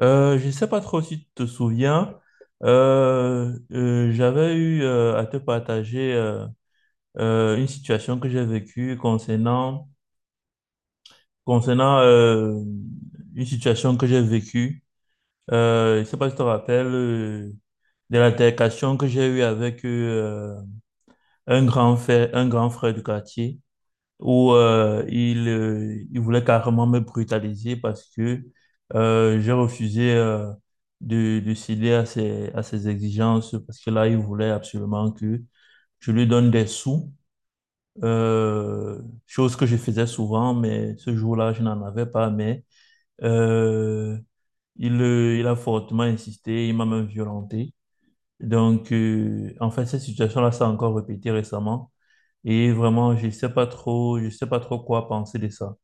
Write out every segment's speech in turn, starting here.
Je ne sais pas trop si tu te souviens, j'avais eu à te partager une situation que j'ai vécue concernant une situation que j'ai vécue. Je ne sais pas si tu te rappelles de l'altercation que j'ai eue avec un grand frère du quartier, où il voulait carrément me brutaliser parce que j'ai refusé de céder à ses exigences parce que là, il voulait absolument que je lui donne des sous, chose que je faisais souvent, mais ce jour-là, je n'en avais pas, mais euh, il a fortement insisté, il m'a même violenté. Donc, en fait, cette situation-là s'est encore répétée récemment. Et vraiment, je sais pas trop, je sais pas trop quoi penser de ça.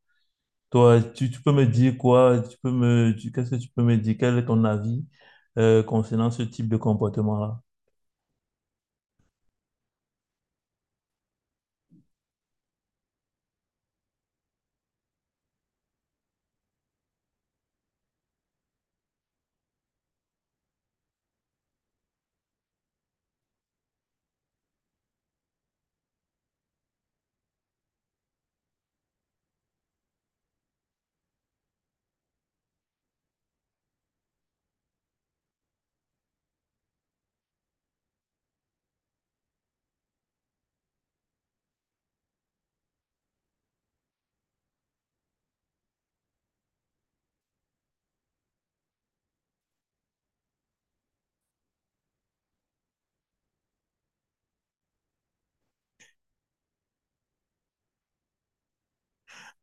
Toi, tu peux me dire quoi? Tu peux qu'est-ce que tu peux me dire? Quel est ton avis concernant ce type de comportement-là?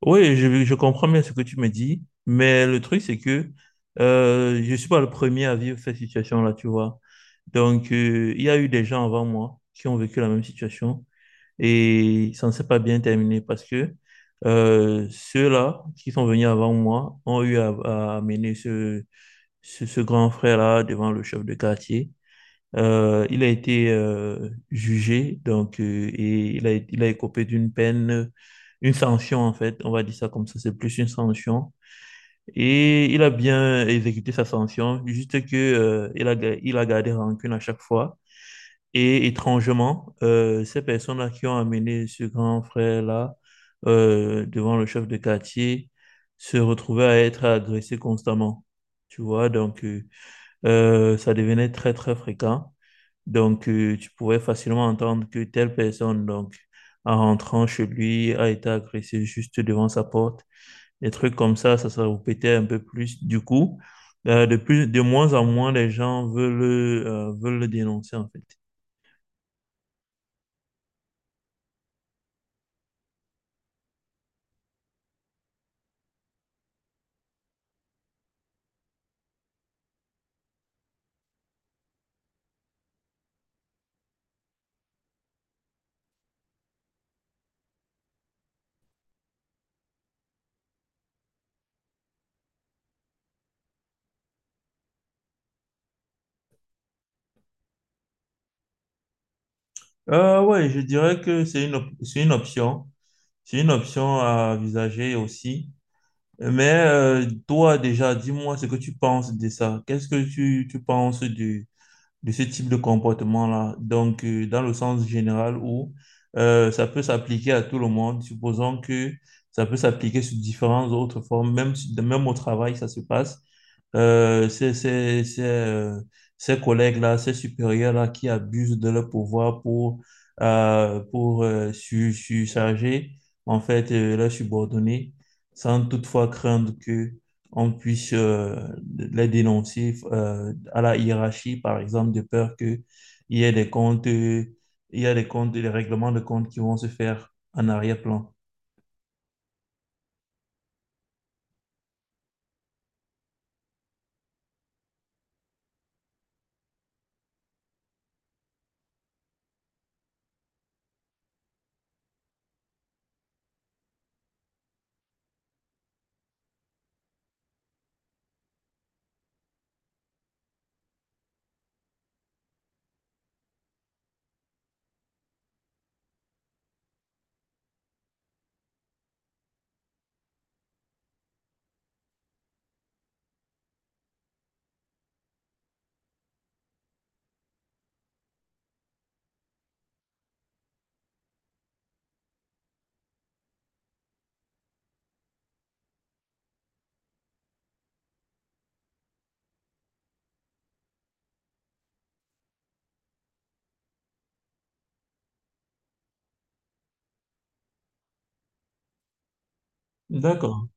Oui, je comprends bien ce que tu me dis, mais le truc, c'est que je suis pas le premier à vivre cette situation-là, tu vois. Donc, il y a eu des gens avant moi qui ont vécu la même situation. Et ça ne s'est pas bien terminé parce que ceux-là qui sont venus avant moi ont eu à amener ce grand frère-là devant le chef de quartier. Il a été jugé donc, et il a écopé d'une peine, une sanction en fait, on va dire ça comme ça, c'est plus une sanction. Et il a bien exécuté sa sanction, juste que il a gardé rancune à chaque fois. Et étrangement, ces personnes-là qui ont amené ce grand frère-là devant le chef de quartier se retrouvaient à être agressées constamment. Tu vois, donc ça devenait très, très fréquent. Donc, tu pouvais facilement entendre que telle personne, donc, en rentrant chez lui, a été agressée juste devant sa porte. Des trucs comme ça se répétait un peu plus. Du coup, de plus, de moins en moins, les gens veulent le dénoncer, en fait. Ouais, je dirais que c'est c'est une option. C'est une option à envisager aussi. Mais toi, déjà, dis-moi ce que tu penses de ça. Qu'est-ce que tu penses du, de ce type de comportement-là. Donc, dans le sens général où ça peut s'appliquer à tout le monde, supposons que ça peut s'appliquer sur différentes autres formes, même, si, même au travail, ça se passe. C'est ces collègues-là, ces supérieurs-là qui abusent de leur pouvoir pour, euh, pour euh, surcharger en fait leurs subordonnés sans toutefois craindre que on puisse les dénoncer à la hiérarchie, par exemple, de peur qu'il y ait des comptes, il y a des comptes, des règlements de comptes qui vont se faire en arrière-plan. D'accord.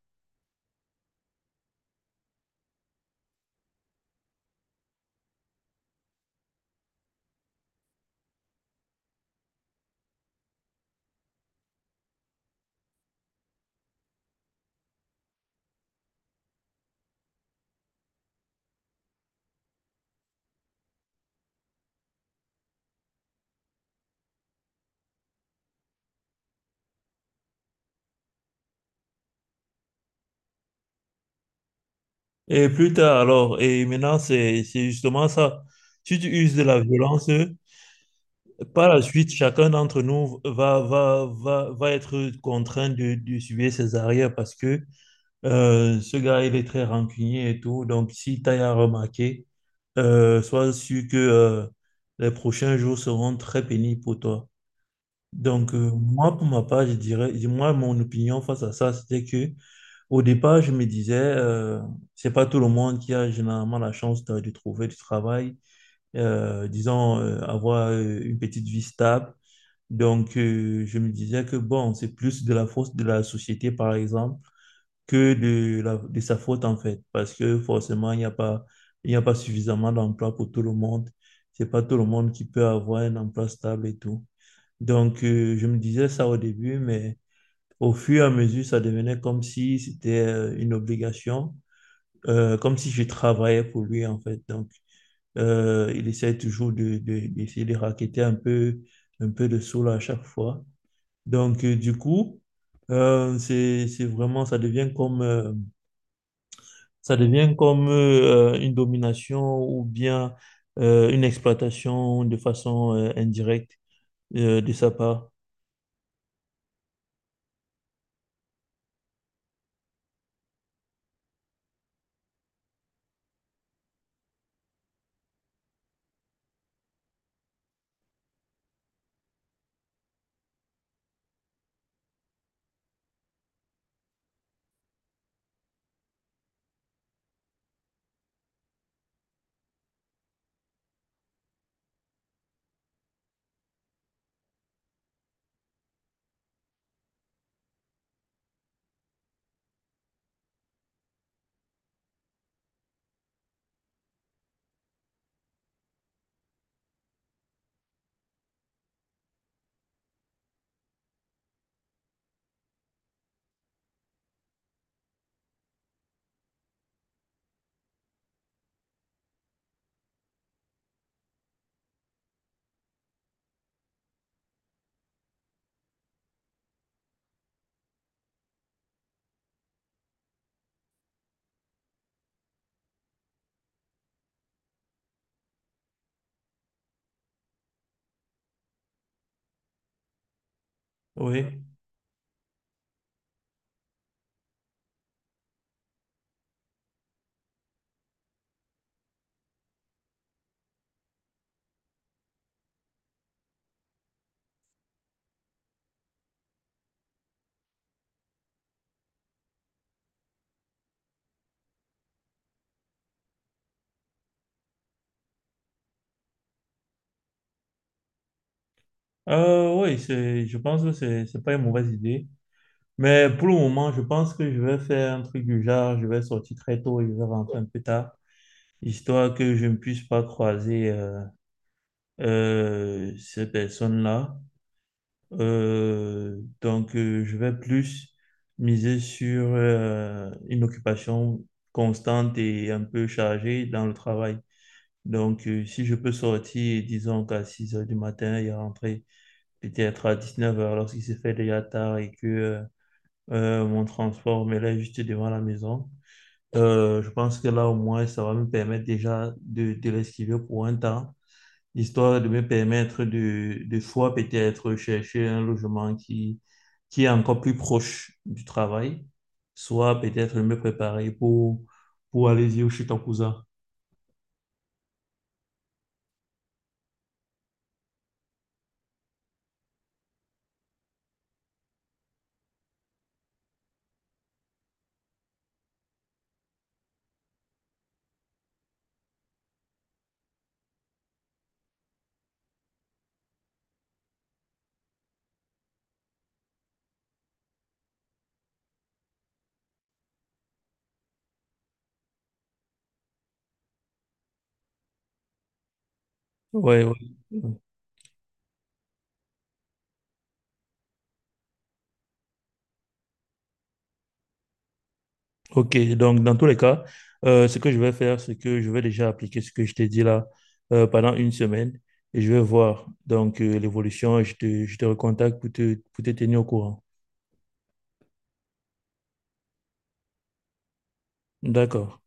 Et plus tard, alors, et maintenant, c'est justement ça. Si tu uses de la violence, par la suite, chacun d'entre nous va être contraint de suivre ses arrières parce que ce gars, il est très rancunier et tout. Donc, si t'as à remarquer, sois sûr que les prochains jours seront très pénibles pour toi. Donc, moi, pour ma part, je dirais, moi, mon opinion face à ça, c'était que au départ, je me disais, c'est pas tout le monde qui a généralement la chance de trouver du travail, avoir une petite vie stable. Donc, je me disais que bon, c'est plus de la force de la société, par exemple que de sa faute en fait, parce que forcément, il n'y a pas suffisamment d'emplois pour tout le monde. C'est pas tout le monde qui peut avoir un emploi stable et tout. Donc, je me disais ça au début, mais au fur et à mesure, ça devenait comme si c'était une obligation, comme si je travaillais pour lui en fait. Donc, il essaie toujours d'essayer de racketter un peu de sous là à chaque fois. Donc, du coup, c'est vraiment, ça devient comme ça devient comme une domination ou bien une exploitation de façon indirecte de sa part. Oui. Je pense que c'est pas une mauvaise idée. Mais pour le moment, je pense que je vais faire un truc du genre, je vais sortir très tôt et je vais rentrer un peu tard, histoire que je ne puisse pas croiser ces personnes-là. Donc, je vais plus miser sur une occupation constante et un peu chargée dans le travail. Donc, si je peux sortir, disons qu'à 6 heures du matin et rentrer peut-être à 19 heures lorsqu'il se fait déjà tard et que mon transport me là juste devant la maison, je pense que là, au moins, ça va me permettre déjà de l'esquiver pour un temps, histoire de me permettre de fois peut-être chercher un logement qui est encore plus proche du travail, soit peut-être me préparer pour aller vivre chez ton cousin. Ouais, ouais. Ok, donc dans tous les cas, ce que je vais faire, c'est que je vais déjà appliquer ce que je t'ai dit là pendant une semaine et je vais voir donc l'évolution et je te recontacte pour pour te tenir au courant. D'accord.